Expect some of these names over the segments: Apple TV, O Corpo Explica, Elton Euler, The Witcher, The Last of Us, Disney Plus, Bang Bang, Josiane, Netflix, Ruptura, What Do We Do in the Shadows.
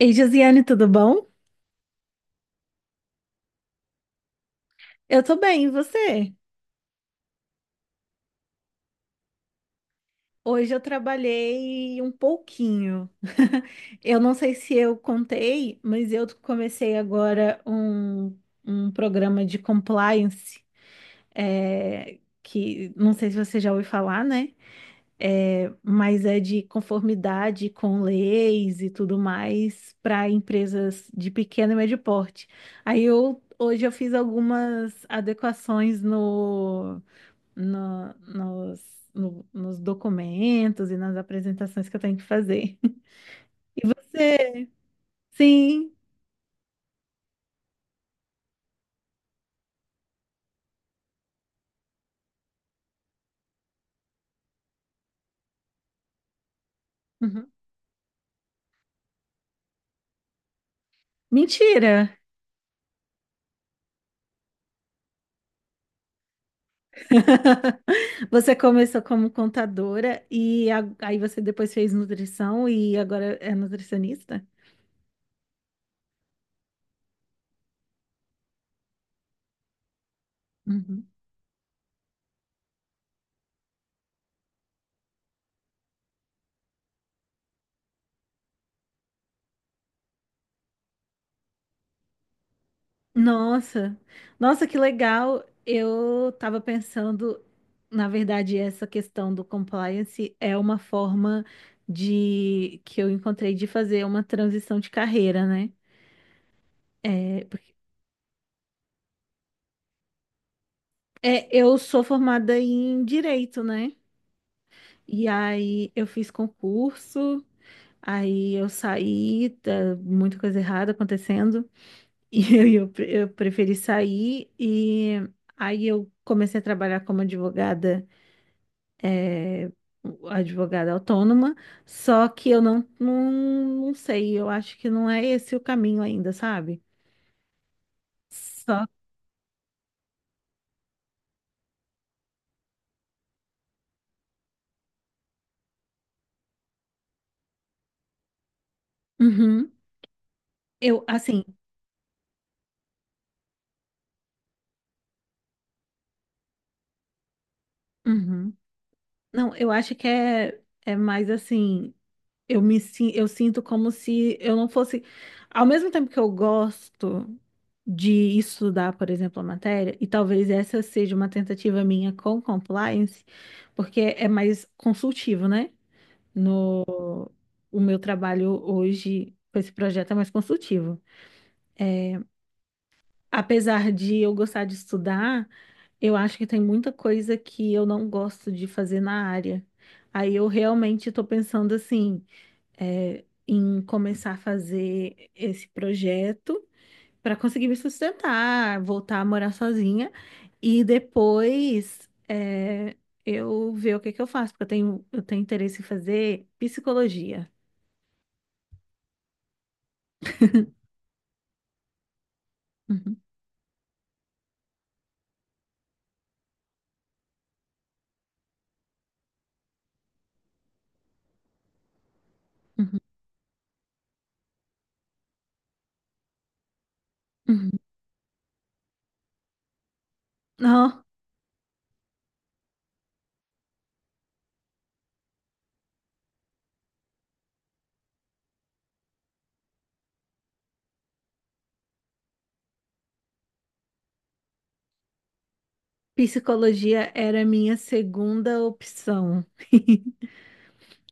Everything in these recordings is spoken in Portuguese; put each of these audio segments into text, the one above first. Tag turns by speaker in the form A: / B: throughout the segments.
A: Ei, Josiane, tudo bom? Eu tô bem, e você? Hoje eu trabalhei um pouquinho. Eu não sei se eu contei, mas eu comecei agora um programa de compliance, é, que não sei se você já ouviu falar, né? É, mas é de conformidade com leis e tudo mais para empresas de pequeno e médio porte. Hoje eu fiz algumas adequações no- nos, nos documentos e nas apresentações que eu tenho que fazer. Você- Sim. Uhum. Mentira! Você começou como contadora e aí você depois fez nutrição e agora é nutricionista? Uhum. Nossa, nossa, que legal. Eu estava pensando, na verdade, essa questão do compliance é uma forma de que eu encontrei de fazer uma transição de carreira, né? É, porque- é, eu sou formada em direito, né? E aí eu fiz concurso, aí eu saí, tá muita coisa errada acontecendo, e eu preferi sair, e aí eu comecei a trabalhar como advogada, é, advogada autônoma, só que eu não, não, não sei, eu acho que não é esse o caminho ainda, sabe? Só. Uhum. Eu, assim. Uhum. Não, eu acho que é mais assim, eu sinto como se eu não fosse, ao mesmo tempo que eu gosto de estudar, por exemplo, a matéria, e talvez essa seja uma tentativa minha com compliance, porque é mais consultivo, né? No o meu trabalho hoje com esse projeto é mais consultivo. É, apesar de eu gostar de estudar, eu acho que tem muita coisa que eu não gosto de fazer na área. Aí eu realmente estou pensando assim, é, em começar a fazer esse projeto para conseguir me sustentar, voltar a morar sozinha e depois é, eu ver o que que eu faço, porque eu tenho interesse em fazer psicologia. Uhum, uhum, uhum. Não, psicologia era a minha segunda opção.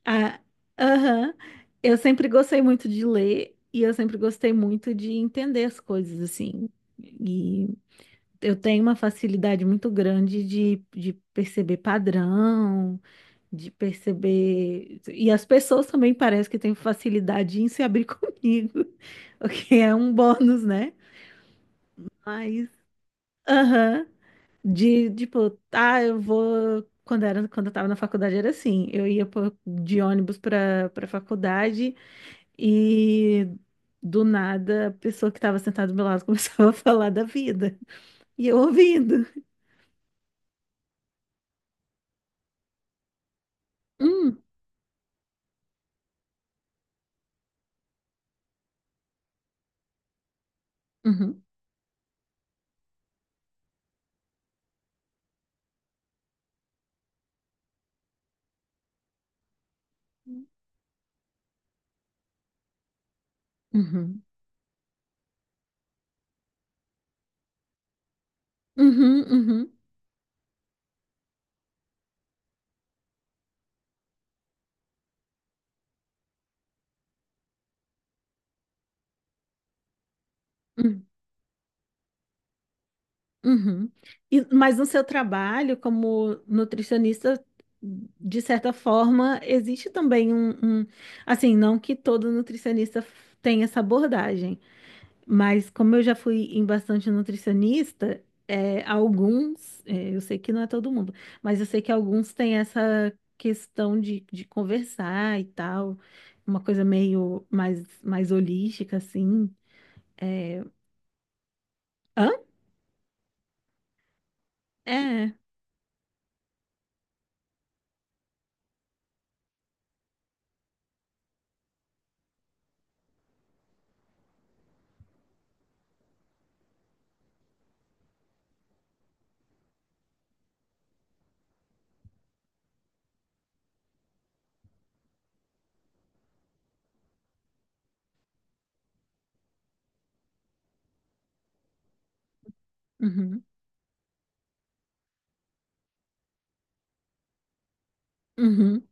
A: Ah, aham. Eu sempre gostei muito de ler e eu sempre gostei muito de entender as coisas assim. E eu tenho uma facilidade muito grande de perceber padrão, de perceber. E as pessoas também parecem que têm facilidade em se abrir comigo, o que é um bônus, né? Mas, aham, de tipo, ah, eu vou. Quando era, quando eu tava na faculdade era assim, eu ia de ônibus para faculdade e do nada a pessoa que estava sentada do meu lado começava a falar da vida. E eu ouvindo. Hum, uhum. Uhum, uhum, uhum, uhum, uhum. E, mas no seu trabalho como nutricionista, de certa forma, existe também um- assim, não que todo nutricionista tenha essa abordagem, mas como eu já fui em bastante nutricionista, é, alguns, é, eu sei que não é todo mundo, mas eu sei que alguns têm essa questão de conversar e tal, uma coisa meio mais, mais holística, assim. É... Hã? É. Uhum, uhum,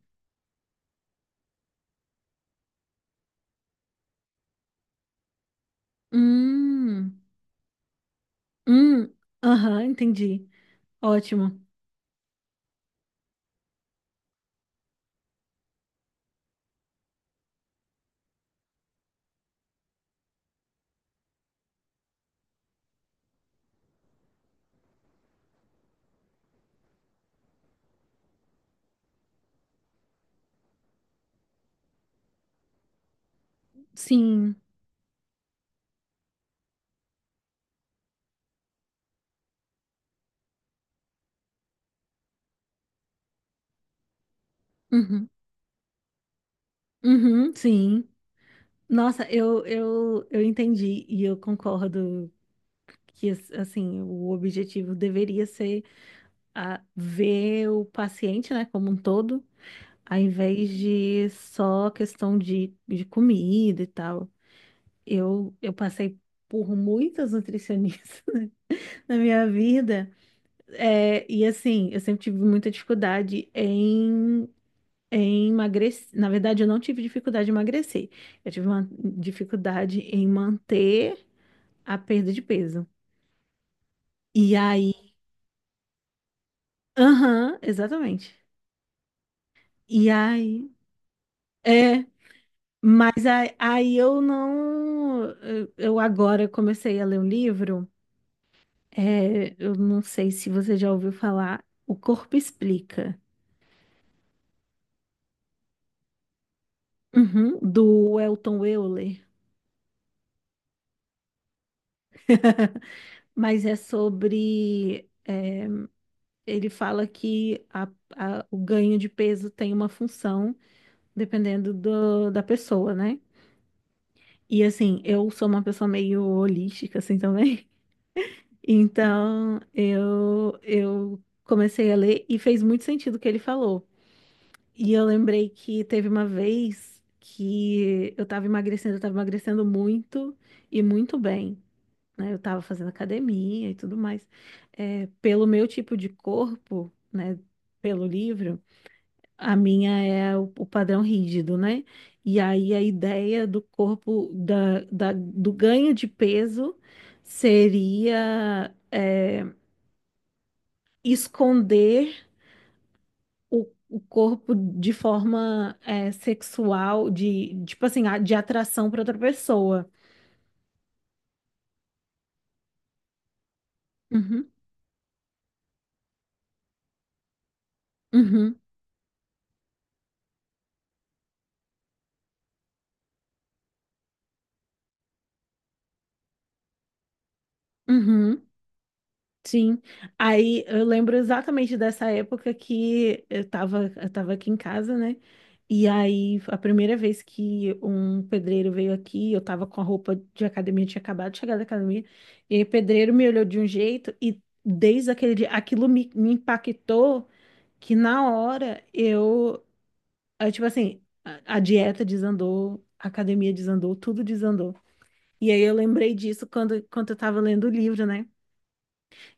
A: hum, hum, aham, entendi. Ótimo. Sim. Uhum, uhum, sim. Nossa, eu entendi e eu concordo que, assim, o objetivo deveria ser a ver o paciente, né, como um todo, ao invés de só questão de comida e tal. Eu passei por muitas nutricionistas na minha vida. É, e assim, eu sempre tive muita dificuldade em, em emagrecer. Na verdade, eu não tive dificuldade em emagrecer. Eu tive uma dificuldade em manter a perda de peso. E aí, aham, exatamente. E aí, é, mas aí, aí eu não. Eu agora comecei a ler um livro. É, eu não sei se você já ouviu falar, O Corpo Explica, uhum, do Elton Euler. Mas é sobre. É, ele fala que o ganho de peso tem uma função dependendo da pessoa, né? E assim, eu sou uma pessoa meio holística, assim também. Então, eu comecei a ler e fez muito sentido o que ele falou. E eu lembrei que teve uma vez que eu tava emagrecendo muito e muito bem. Né? Eu tava fazendo academia e tudo mais. É, pelo meu tipo de corpo, né? Pelo livro, a minha é o padrão rígido, né? E aí a ideia do corpo, do ganho de peso seria é, esconder o corpo de forma é, sexual, de tipo assim, de atração para outra pessoa. Uhum, uhum, uhum. Sim, aí eu lembro exatamente dessa época que eu tava aqui em casa, né? E aí, a primeira vez que um pedreiro veio aqui, eu tava com a roupa de academia, eu tinha acabado de chegar da academia, e aí o pedreiro me olhou de um jeito, e desde aquele dia, aquilo me impactou que na hora tipo assim, a dieta desandou, a academia desandou, tudo desandou. E aí eu lembrei disso quando eu tava lendo o livro, né?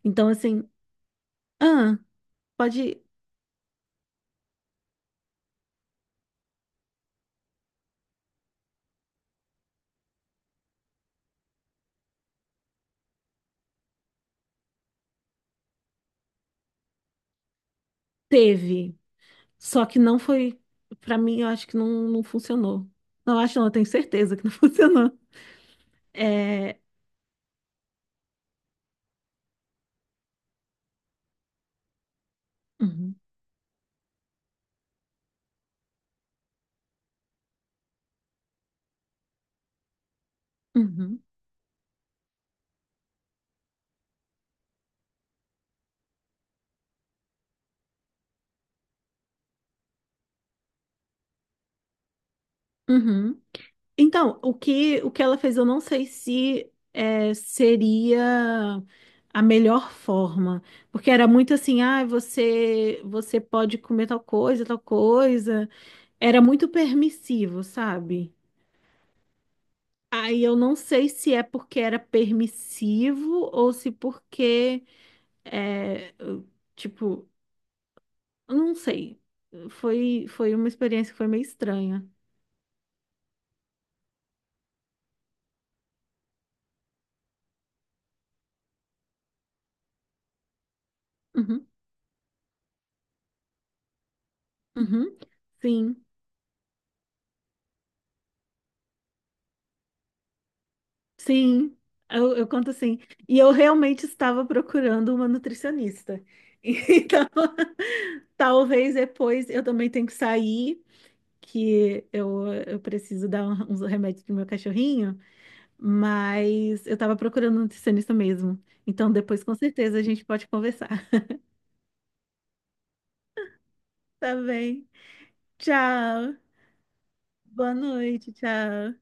A: Então, assim, ah, pode. Teve, só que não foi, pra mim, eu acho que não funcionou. Não acho, não, eu tenho certeza que não funcionou. É... Uhum, uhum, uhum. Então, o que ela fez, eu não sei se é, seria a melhor forma, porque era muito assim, ah, você pode comer tal coisa, tal coisa. Era muito permissivo, sabe? Aí eu não sei se é porque era permissivo ou se porque é, eu, tipo, eu não sei. Foi uma experiência que foi meio estranha. Uhum, uhum. Sim, sim. Eu conto assim. E eu realmente estava procurando uma nutricionista. Então, talvez depois eu também tenho que sair, que eu preciso dar uns remédios pro meu cachorrinho, mas eu estava procurando um nutricionista mesmo. Então, depois com certeza a gente pode conversar. Tá bem. Tchau. Boa noite, tchau.